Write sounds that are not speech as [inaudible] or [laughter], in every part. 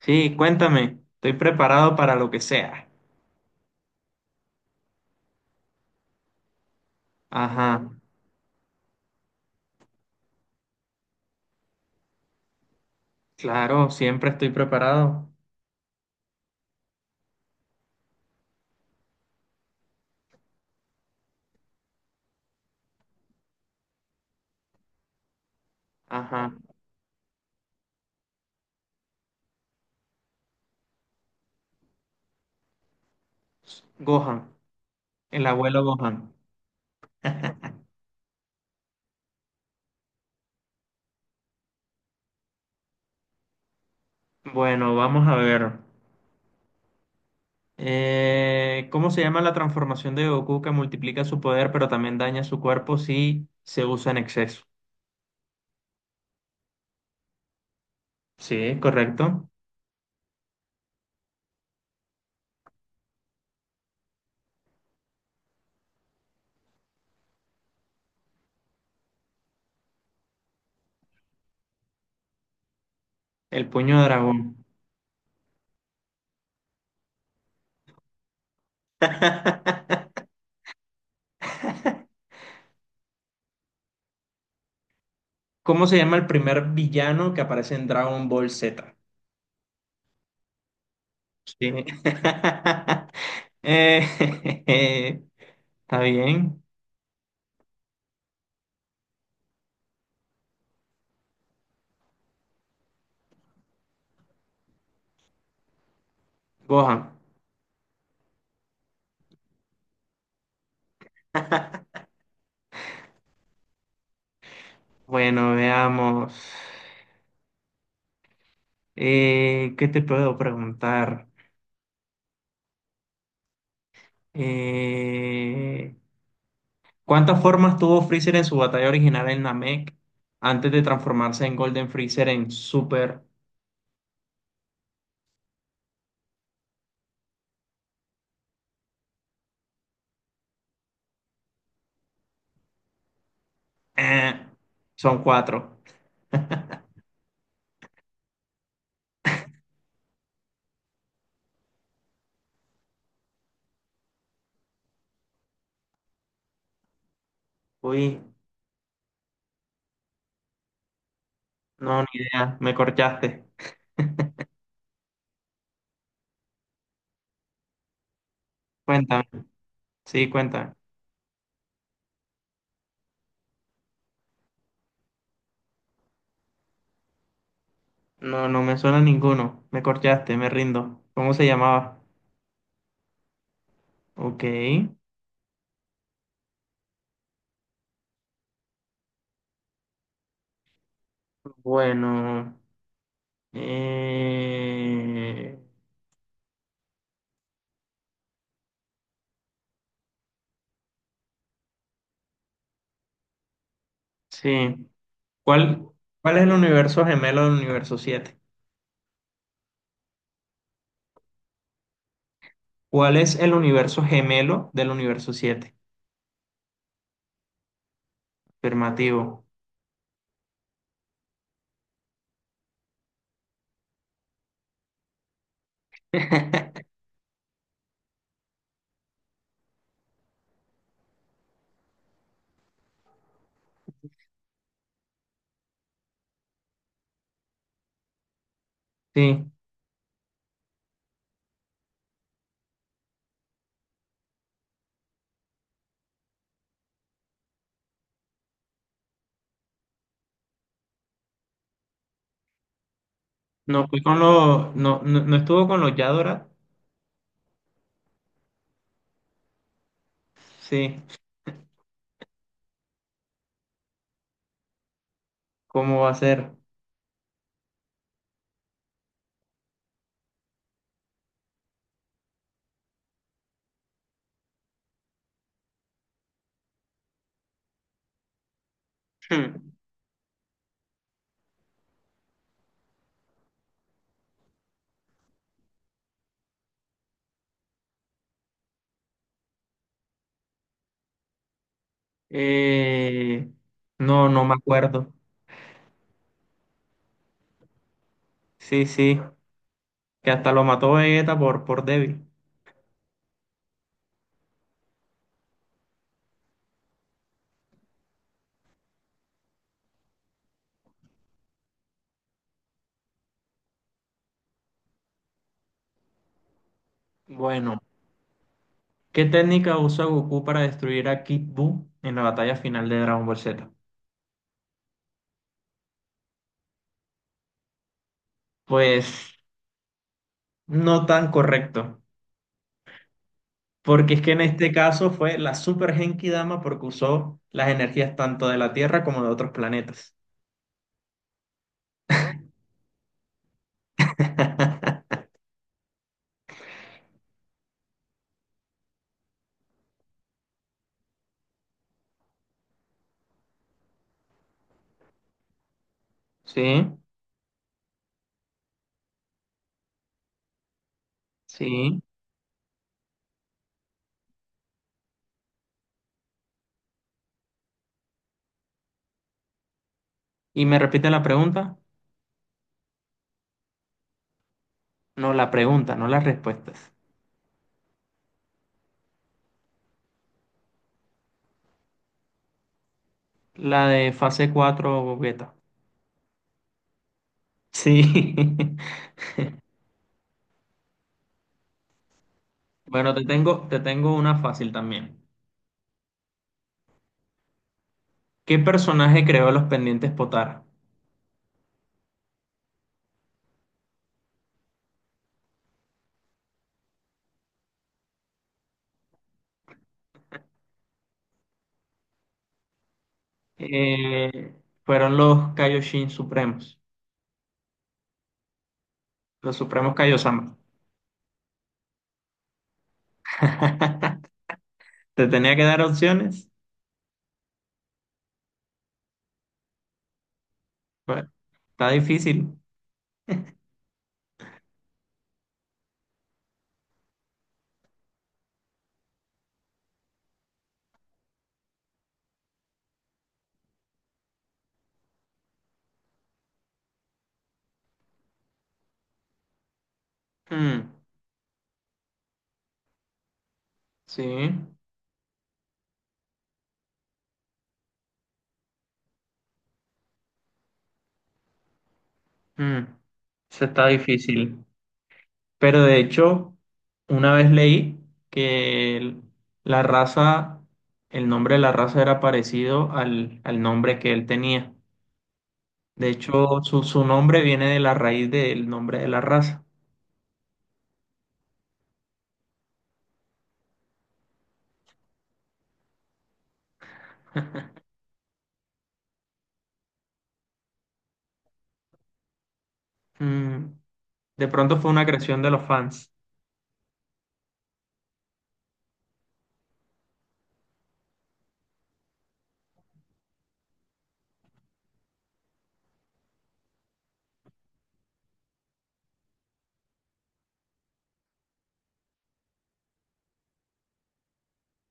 Sí, cuéntame, estoy preparado para lo que sea. Ajá, claro, siempre estoy preparado. Ajá, Gohan, el abuelo Gohan. Bueno, vamos a ver. ¿Cómo se llama la transformación de Goku que multiplica su poder pero también daña su cuerpo si se usa en exceso? Sí, correcto. El puño de dragón. [laughs] ¿Cómo se llama el primer villano que aparece en Dragon Ball Z? Sí. [laughs] Eh, [laughs] Está bien. Gohan. Bueno, veamos. ¿Qué te puedo preguntar? Eh, ¿Cuántas formas tuvo Freezer en su batalla original en Namek antes de transformarse en Golden Freezer en Super? Eh, Son cuatro. Uy, no, ni idea. Me corchaste. Cuéntame. Sí, cuéntame. No, no me suena ninguno. Me corchaste, me rindo. ¿Cómo se llamaba? Ok. Bueno. Eh... Sí. ¿Cuál, cuál es el universo gemelo del universo 7? ¿Cuál es el universo gemelo del universo 7? Afirmativo. [laughs] Sí. No fui con los. No, no, no estuvo con los Yadora. Sí. ¿Cómo va a ser? Hmm. Eh, no, no me acuerdo. Sí, sí. Que hasta lo mató Vegeta por débil. Bueno. ¿Qué técnica usa Goku para destruir a Kid Buu en la batalla final de Dragon Ball Z? Pues no tan correcto. Porque es que en este caso fue la Super Genki Dama porque usó las energías tanto de la Tierra como de otros planetas. [laughs] Sí, sí. Y me repite la pregunta. No, la pregunta, no las respuestas. La de fase cuatro beta. Sí. [laughs] Bueno, te tengo una fácil también. ¿Qué personaje creó los pendientes Potara? Eh, Fueron los Kaioshin Supremos, los Supremos Kaiosama. [laughs] ¿Te tenía que dar opciones? Bueno, está difícil. Mm, sí, mm, eso está difícil. Pero de hecho, una vez leí que la raza, el nombre de la raza era parecido al nombre que él tenía. De hecho, su nombre viene de la raíz del nombre de la raza. Mm, de pronto fue una creación de los fans.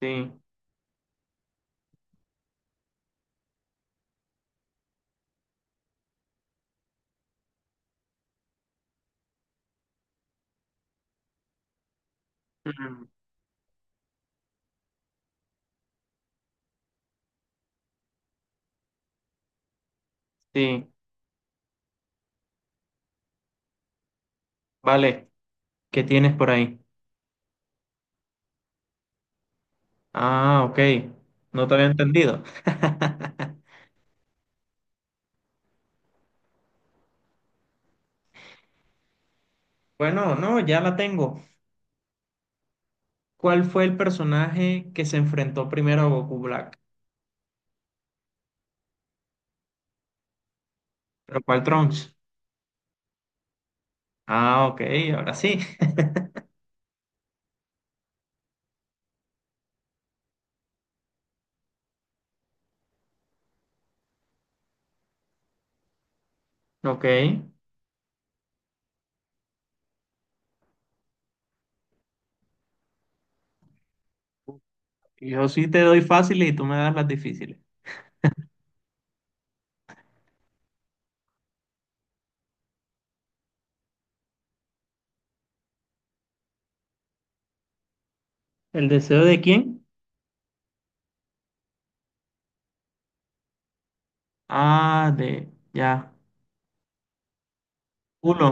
Sí, mm, sí, vale. ¿Qué tienes por ahí? Ah, ok. No te había entendido. [laughs] Bueno, no, ya la tengo. ¿Cuál fue el personaje que se enfrentó primero a Goku Black? ¿Pero cuál Trunks? Ah, ok, ahora sí. [laughs] Ok. Yo sí te doy fáciles y tú me das las difíciles. ¿El deseo de quién? Ah, Ya. Uno.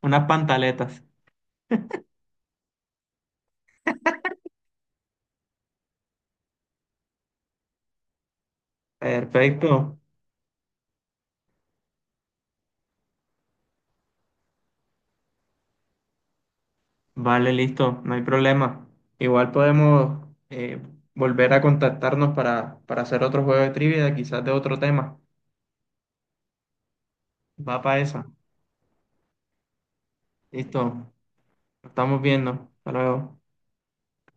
Unas pantaletas. Perfecto. Vale, listo. No hay problema. Igual podemos volver a contactarnos para hacer otro juego de trivia, quizás de otro tema. Va para esa. Listo. Estamos viendo. Hasta luego.